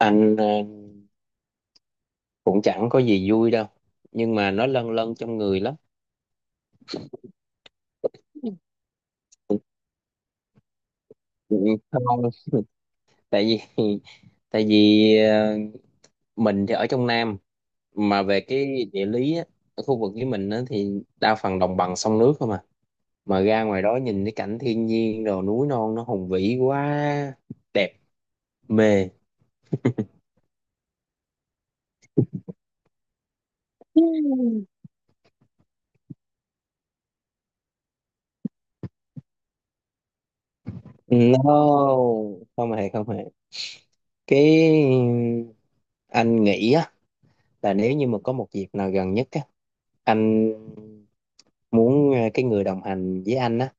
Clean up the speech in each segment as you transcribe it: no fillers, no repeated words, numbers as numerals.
Anh cũng chẳng có gì vui đâu, nhưng mà nó lâng lâng trong người lắm. Ừ, không, tại vì tại vì mình thì ở trong Nam. Mà về cái địa lý á, ở khu vực với mình á, thì đa phần đồng bằng sông nước không à. Mà ra ngoài đó nhìn cái cảnh thiên nhiên đồ núi non nó hùng vĩ quá, đẹp, mê. No, không hề không hề, cái anh nghĩ á là nếu như mà có một dịp nào gần nhất á, anh muốn cái người đồng hành với anh á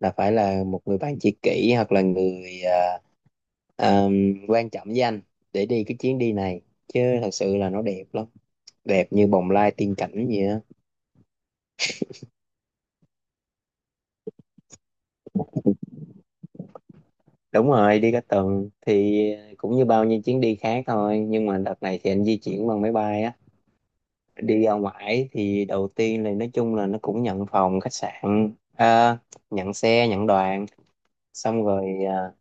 là phải là một người bạn tri kỷ, hoặc là người ờ, quan trọng với anh, để đi cái chuyến đi này. Chứ thật sự là nó đẹp lắm, đẹp như bồng lai tiên cảnh vậy á. Đúng rồi, đi cả tuần thì cũng như bao nhiêu chuyến đi khác thôi, nhưng mà đợt này thì anh di chuyển bằng máy bay á. Đi ra ngoài thì đầu tiên là nói chung là nó cũng nhận phòng khách sạn, nhận xe, nhận đoàn. Xong rồi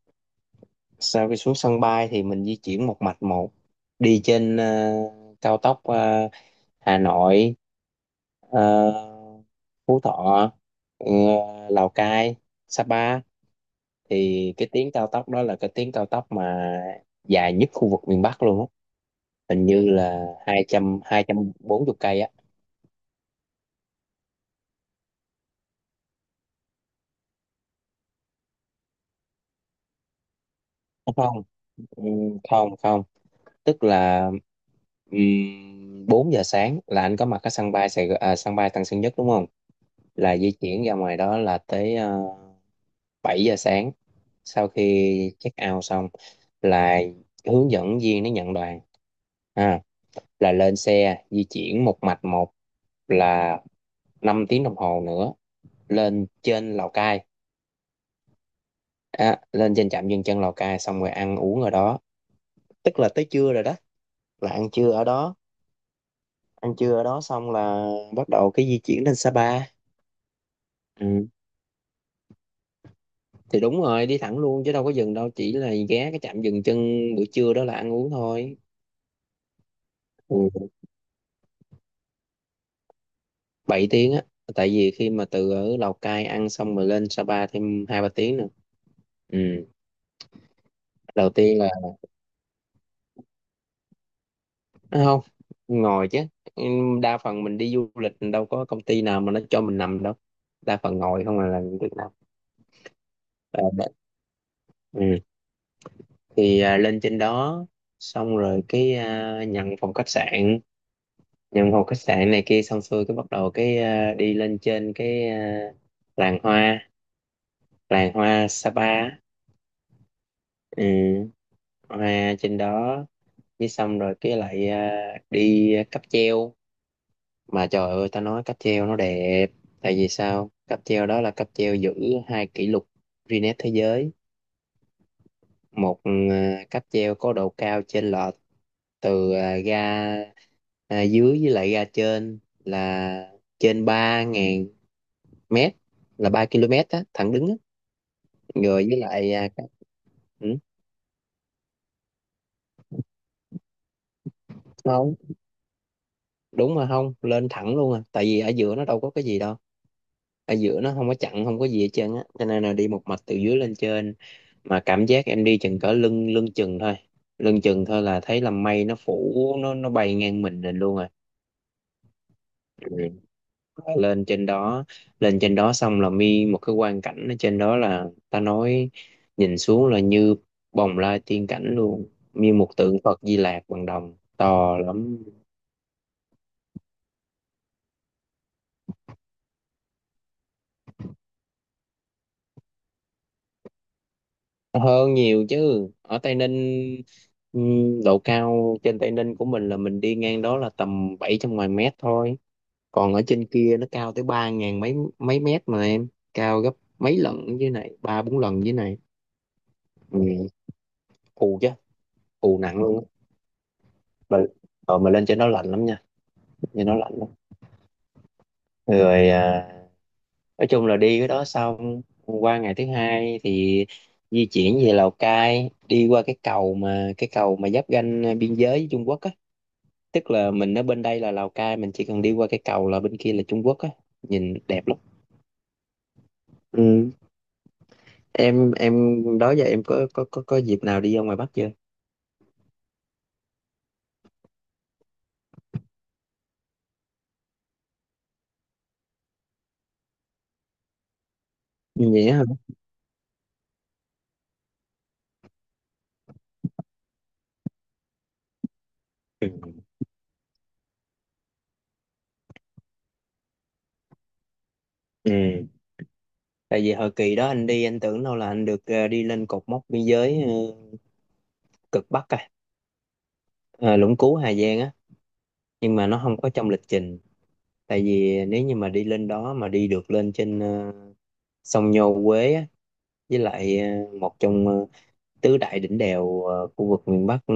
sau khi xuống sân bay thì mình di chuyển một mạch một, đi trên cao tốc, Hà Nội, ờ, Phú Thọ, ờ, Lào Cai, Sapa. Thì cái tuyến cao tốc đó là cái tuyến cao tốc mà dài nhất khu vực miền Bắc luôn á. Hình như là hai trăm, hai trăm bốn mươi cây á. Không, không không, tức là 4 giờ sáng là anh có mặt ở sân bay Sài Gòn, à, sân bay Tân Sơn Nhất, đúng không. Là di chuyển ra ngoài đó là tới 7 giờ sáng. Sau khi check out xong là hướng dẫn viên nó nhận đoàn, à, là lên xe di chuyển một mạch một, là 5 tiếng đồng hồ nữa, lên trên Lào Cai. À, lên trên trạm dừng chân Lào Cai xong rồi ăn uống ở đó, tức là tới trưa rồi đó, là ăn trưa ở đó. Ăn trưa ở đó xong là bắt đầu cái di chuyển lên Sapa. Ừ, thì đúng rồi, đi thẳng luôn chứ đâu có dừng đâu, chỉ là ghé cái trạm dừng chân buổi trưa đó là ăn uống thôi. Ừ. 7 tiếng á, tại vì khi mà từ ở Lào Cai ăn xong rồi lên Sapa thêm hai ba tiếng nữa. Ừ. Đầu tiên là, à, không, ngồi chứ. Ừ, đa phần mình đi du lịch đâu có công ty nào mà nó cho mình nằm đâu, đa phần ngồi không à, là Việt Nam. Ờ, đ- ừ. Thì à, lên trên đó xong rồi cái à, nhận phòng khách sạn, nhận một khách sạn này kia xong xuôi, cái bắt đầu cái đi lên trên cái làng hoa, làng hoa Sapa á. Ừ, hoa trên đó. Với xong rồi cái lại đi cáp treo. Mà trời ơi, ta nói cáp treo nó đẹp, tại vì sao, cáp treo đó là cáp treo giữ hai kỷ lục Guinness thế giới. Một cáp treo có độ cao trên lệch từ ga dưới với lại ga trên là trên ba ngàn mét, là 3 km á thẳng đứng á. Rồi với lại à, cái- ừ, không, đúng mà không lên thẳng luôn à, tại vì ở giữa nó đâu có cái gì đâu. Ở giữa nó không có chặn, không có gì hết trơn á, cho nên là đi một mạch từ dưới lên trên. Mà cảm giác em đi chừng cỡ lưng lưng chừng thôi, lưng chừng thôi, là thấy là mây nó phủ, nó bay ngang mình lên luôn. À, lên trên đó, lên trên đó xong là mi một cái quang cảnh ở trên đó là ta nói, nhìn xuống là như bồng lai tiên cảnh luôn, như một tượng Phật Di Lặc bằng đồng to lắm. Hơn nhiều chứ, ở Tây Ninh, độ cao trên Tây Ninh của mình là mình đi ngang đó là tầm 700 ngoài mét thôi. Còn ở trên kia nó cao tới ba ngàn mấy, mấy mét mà em, cao gấp mấy lần dưới này, ba bốn lần dưới này. Ừ, phù chứ, phù nặng luôn á. Mà- rồi mà lên trên đó lạnh lắm nha, thì nó lạnh lắm. Rồi à, nói chung là đi cái đó xong, qua ngày thứ hai thì di chuyển về Lào Cai, đi qua cái cầu mà giáp ranh biên giới với Trung Quốc á. Tức là mình ở bên đây là Lào Cai, mình chỉ cần đi qua cái cầu là bên kia là Trung Quốc á, nhìn đẹp lắm. Ừ. em đó giờ em có dịp nào đi ra ngoài Bắc chưa? Vậy á hả. Ừ. Ừ. Tại vì hồi kỳ đó anh đi, anh tưởng đâu là anh được đi lên cột mốc biên giới cực Bắc, à, à Lũng Cú Hà Giang á, nhưng mà nó không có trong lịch trình. Tại vì nếu như mà đi lên đó mà đi được lên trên sông Nho Quế á, với lại một trong tứ đại đỉnh đèo khu vực miền Bắc ừ,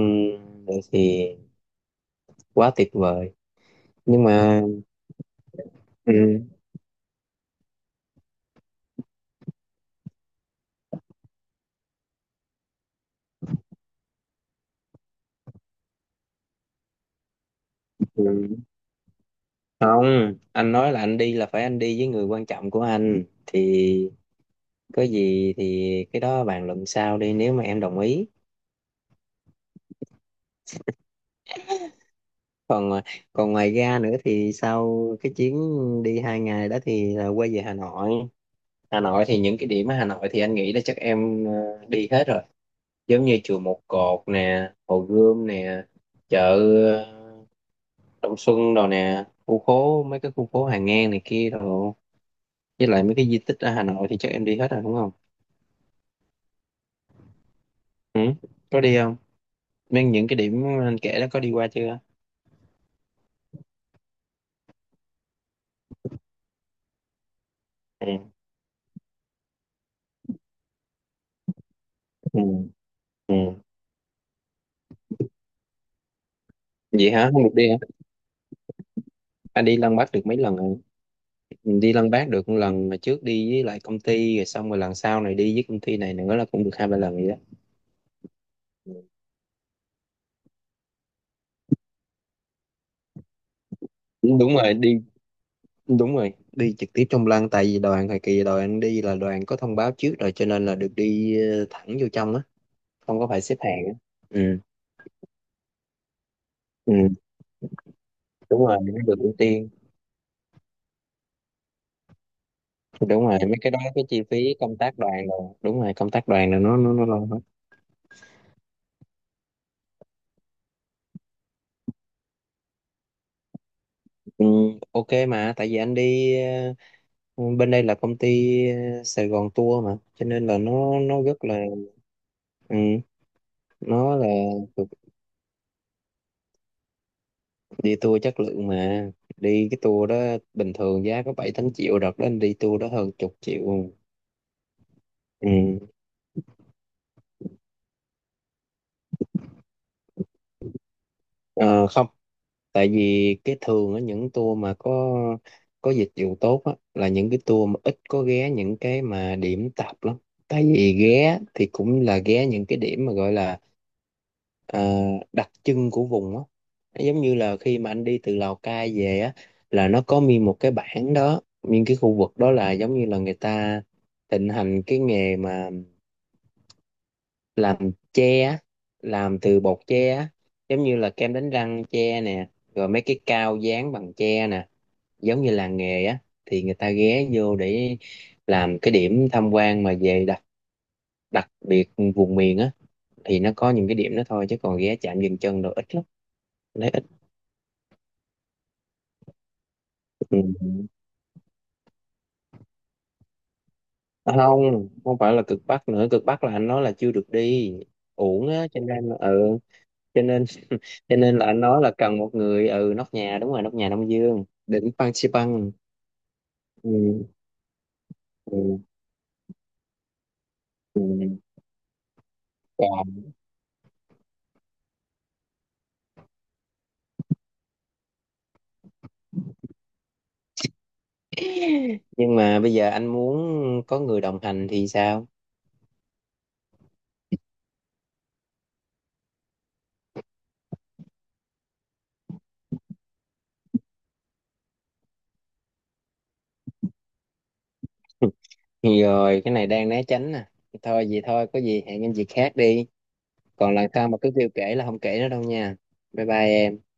nữa thì quá tuyệt vời. Nhưng mà ừ, ừ, không, anh nói là anh đi là phải anh đi với người quan trọng của anh thì có gì thì cái đó bàn luận sau đi, nếu mà em đồng ý. Còn còn ngoài ra nữa thì sau cái chuyến đi hai ngày đó thì là quay về Hà Nội. Hà Nội thì những cái điểm ở Hà Nội thì anh nghĩ là chắc em đi hết rồi, giống như chùa Một Cột nè, Hồ Gươm nè, chợ ờ, Đông Xuân đồ nè, khu phố mấy cái khu phố Hàng Ngang này kia đồ, với lại mấy cái di tích ở Hà Nội thì chắc em đi hết rồi đúng không? Ừ? Có đi không, mấy những cái điểm anh kể đó có đi qua chưa? Ừ. Ừ. Ừ. Vậy hả, không được đi hả? Anh đi Lăng Bác được mấy lần rồi. Ừ, đi Lăng Bác được một lần mà trước đi với lại công ty, rồi xong rồi lần sau này đi với công ty này nữa, là cũng được hai ba lần vậy đó. Ừ, đúng rồi, đi. Đúng rồi, đi trực tiếp trong lăng, tại vì đoàn thời kỳ đoàn anh đi là đoàn có thông báo trước rồi, cho nên là được đi thẳng vô trong á, không có phải xếp hàng á. Ừ. Ừ, đúng rồi, nó được ưu tiên. Đúng rồi, mấy cái đó cái chi phí công tác đoàn rồi, đúng rồi, công tác đoàn là nó lo hết. Ừ, ok, mà tại vì anh đi ờ, bên đây là công ty Sài Gòn Tour mà, cho nên là nó rất là ừ, nó là đi tour chất lượng mà. Đi cái tour đó bình thường giá có bảy tám triệu, đợt đó anh đi tour đó hơn chục triệu. Ừ. Ờ, không, tại vì cái thường ở những tour mà có dịch vụ tốt á, là những cái tour mà ít có ghé những cái mà điểm tạp lắm. Tại vì ghé thì cũng là ghé những cái điểm mà gọi là ờ, đặc trưng của vùng á. Nó giống như là khi mà anh đi từ Lào Cai về á, là nó có nguyên một cái bản đó, nguyên cái khu vực đó là giống như là người ta thịnh hành cái nghề mà làm tre á, làm từ bột tre á, giống như là kem đánh răng tre nè, rồi mấy cái cao dán bằng tre nè, giống như làng nghề á. Thì người ta ghé vô để làm cái điểm tham quan mà về đặc đặc biệt vùng miền á, thì nó có những cái điểm đó thôi, chứ còn ghé chạm dừng chân đồ ít lắm. Ừ. À, không, không phải là cực Bắc, nữa cực Bắc là anh nói là chưa được đi, uổng á, cho nên ừ, cho nên cho nên là anh nói là cần một người, ừ, nóc nhà, đúng rồi, nóc nhà Đông Dương, đỉnh Phan Xi Păng. Ừ, ừ. Còn- nhưng mà bây giờ anh muốn có người đồng hành thì sao? Rồi, cái này đang né tránh nè, thôi vậy thôi, có gì hẹn em dịp khác đi. Còn lần sau mà cứ kêu kể là không kể nữa đâu nha. Bye bye em.